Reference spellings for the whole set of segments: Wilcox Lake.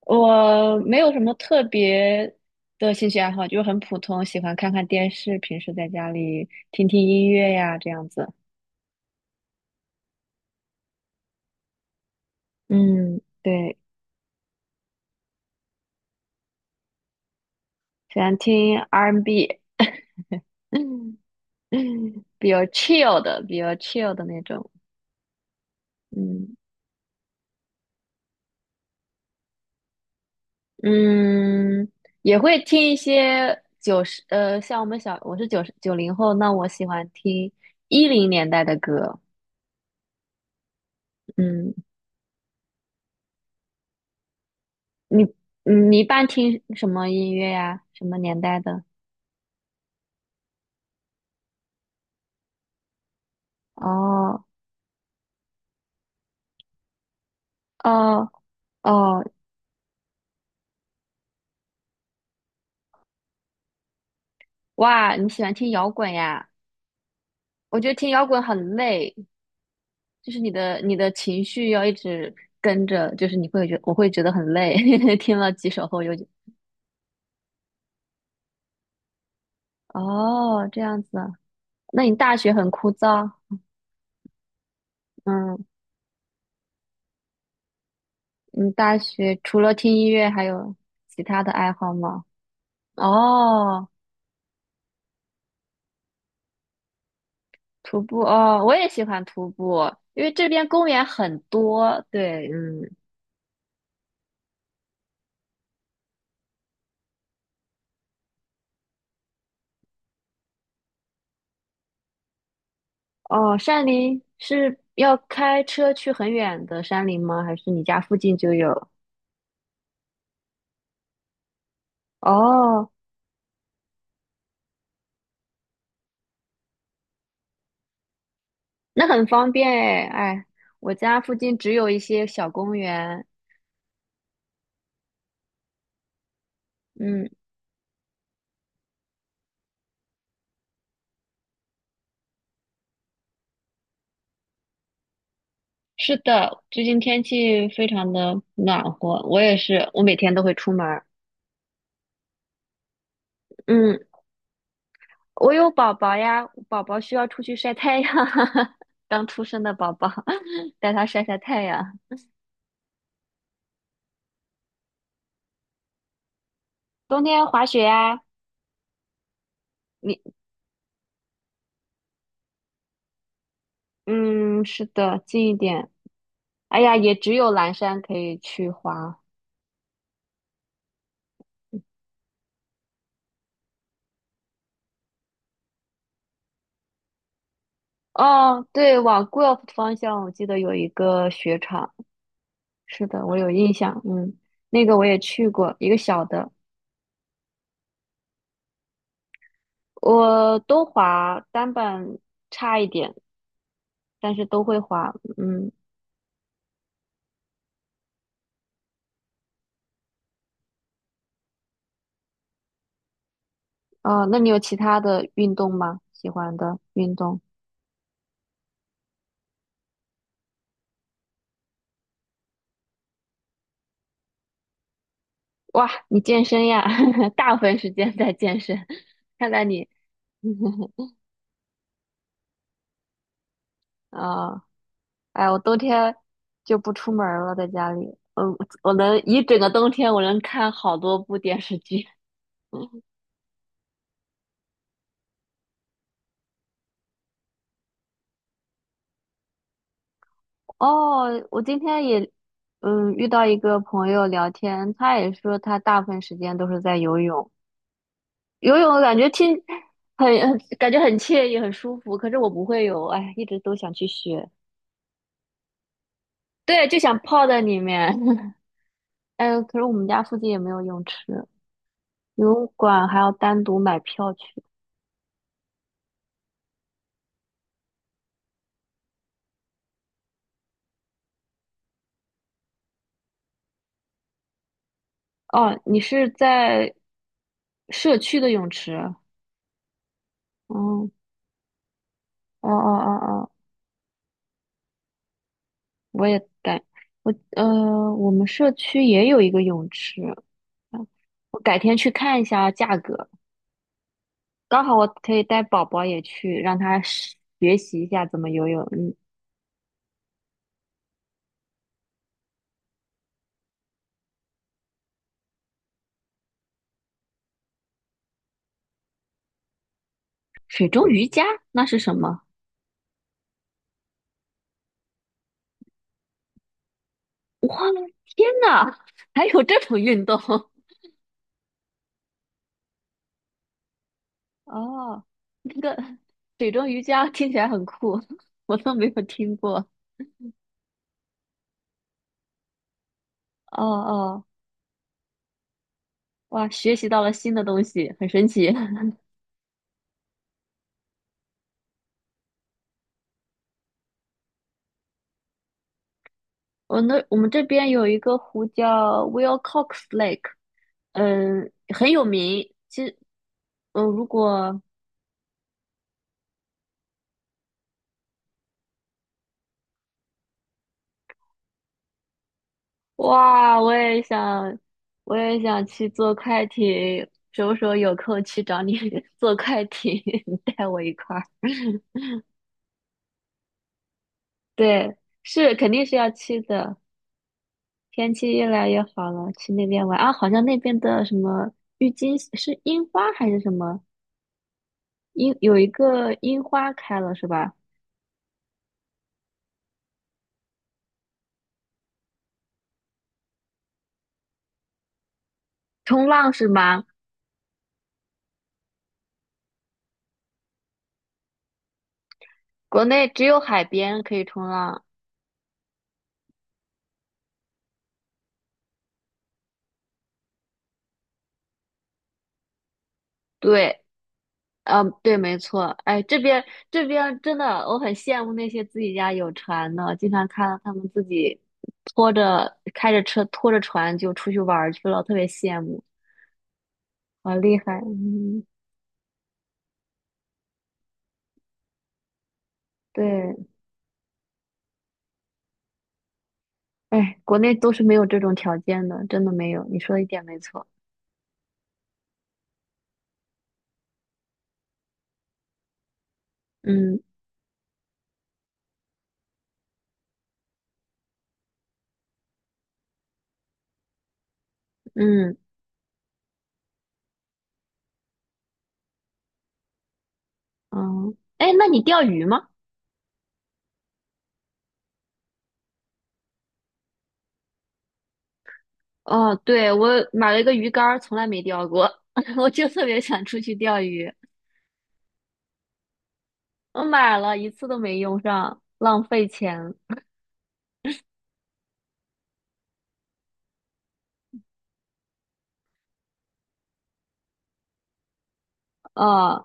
我没有什么特别的兴趣爱好，就是很普通，喜欢看看电视，平时在家里听听音乐呀，这样子。嗯，对，喜欢听 R&B，嗯嗯，比较 chill 的那种。嗯嗯，也会听一些像我们小，我是九十九零后，那我喜欢听一零年代的歌。嗯，你你一般听什么音乐呀？什么年代的？哦哦哦，哇，你喜欢听摇滚呀？我觉得听摇滚很累，就是你的情绪要一直跟着，就是你会觉我会觉得很累，听了几首后哦，这样子啊，那你大学很枯燥？嗯，你大学除了听音乐还有其他的爱好吗？哦，徒步哦，我也喜欢徒步，因为这边公园很多。对，嗯，哦，山林是要开车去很远的山林吗？还是你家附近就有？哦，那很方便。哎，哎，我家附近只有一些小公园。嗯，是的，最近天气非常的暖和，我也是，我每天都会出门儿。嗯，我有宝宝呀，宝宝需要出去晒太阳，刚出生的宝宝，带他晒晒太阳。冬天滑雪呀，你，嗯，是的，近一点。哎呀，也只有蓝山可以去滑。哦，对，往 Guelph 方向，我记得有一个雪场，是的，我有印象。嗯，那个我也去过，一个小的。我都滑单板差一点，但是都会滑。嗯，哦，那你有其他的运动吗？喜欢的运动？哇，你健身呀，大部分时间在健身，看来你 啊、哦，哎，我冬天就不出门儿了，在家里，呃，我能一整个冬天，我能看好多部电视剧。哦，我今天也，嗯，遇到一个朋友聊天，他也说他大部分时间都是在游泳，游泳感觉很感觉很惬意，很舒服。可是我不会游，哎，一直都想去学。对，就想泡在里面。哎，可是我们家附近也没有泳池，游泳馆还要单独买票去。哦，你是在社区的泳池？哦哦哦哦哦，我也改，我呃，我们社区也有一个泳池，啊，我改天去看一下价格，刚好我可以带宝宝也去，让他学习一下怎么游泳。嗯，水中瑜伽那是什么？天呐，还有这种运动？哦，那个水中瑜伽听起来很酷，我都没有听过。哦哦，哇，学习到了新的东西，很神奇。那我们这边有一个湖叫 Wilcox Lake，嗯，很有名。其实，嗯，哇，我也想去坐快艇，什么时候有空去找你 坐快艇，你带我一块儿。对，是肯定是要去的。天气越来越好了，去那边玩啊！好像那边的什么郁金是樱花还是什么？有一个樱花开了是吧？冲浪是吗？国内只有海边可以冲浪。对，嗯，对，没错。哎，这边真的，我很羡慕那些自己家有船的，经常看到他们自己拖着开着车拖着船就出去玩儿去了，特别羡慕，好厉害。嗯，对，哎，国内都是没有这种条件的，真的没有。你说的一点没错。嗯嗯嗯，哎，那你钓鱼吗？哦，对，我买了一个鱼竿儿，从来没钓过，我就特别想出去钓鱼。我买了一次都没用上，浪费钱。啊、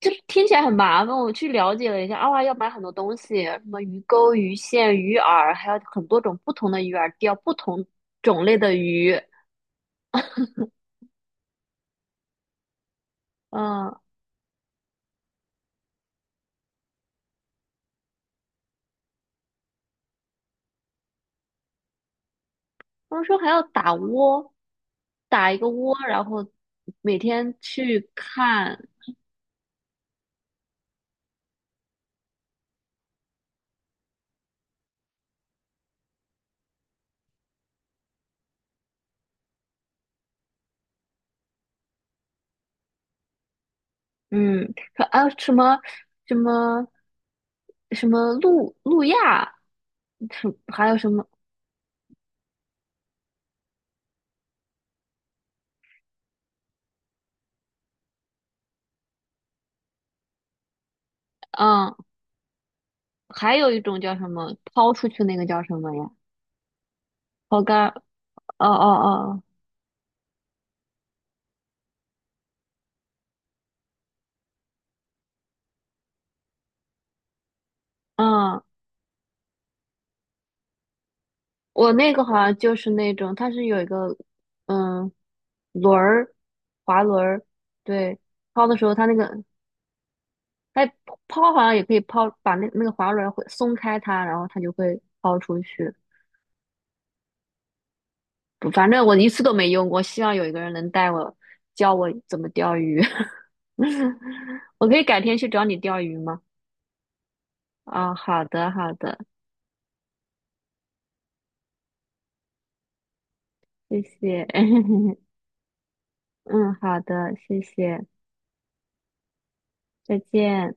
这听起来很麻烦。我去了解了一下，啊，要买很多东西，什么鱼钩、鱼线、鱼饵，还有很多种不同的鱼饵，钓不同种类的鱼。嗯，他们说还要打窝，打一个窝，然后每天去看。嗯，说啊什么什么路亚，还有什么？嗯，还有一种叫什么抛出去那个叫什么呀？抛竿？哦哦哦，嗯，我那个好像就是那种，它是有一个嗯轮儿，滑轮儿，对，抛的时候它那个哎抛好像也可以抛，把那个滑轮儿会松开它，然后它就会抛出去。反正我一次都没用过，希望有一个人能带我，教我怎么钓鱼。我可以改天去找你钓鱼吗？啊、好的，好的，谢谢。嗯，好的，谢谢，再见。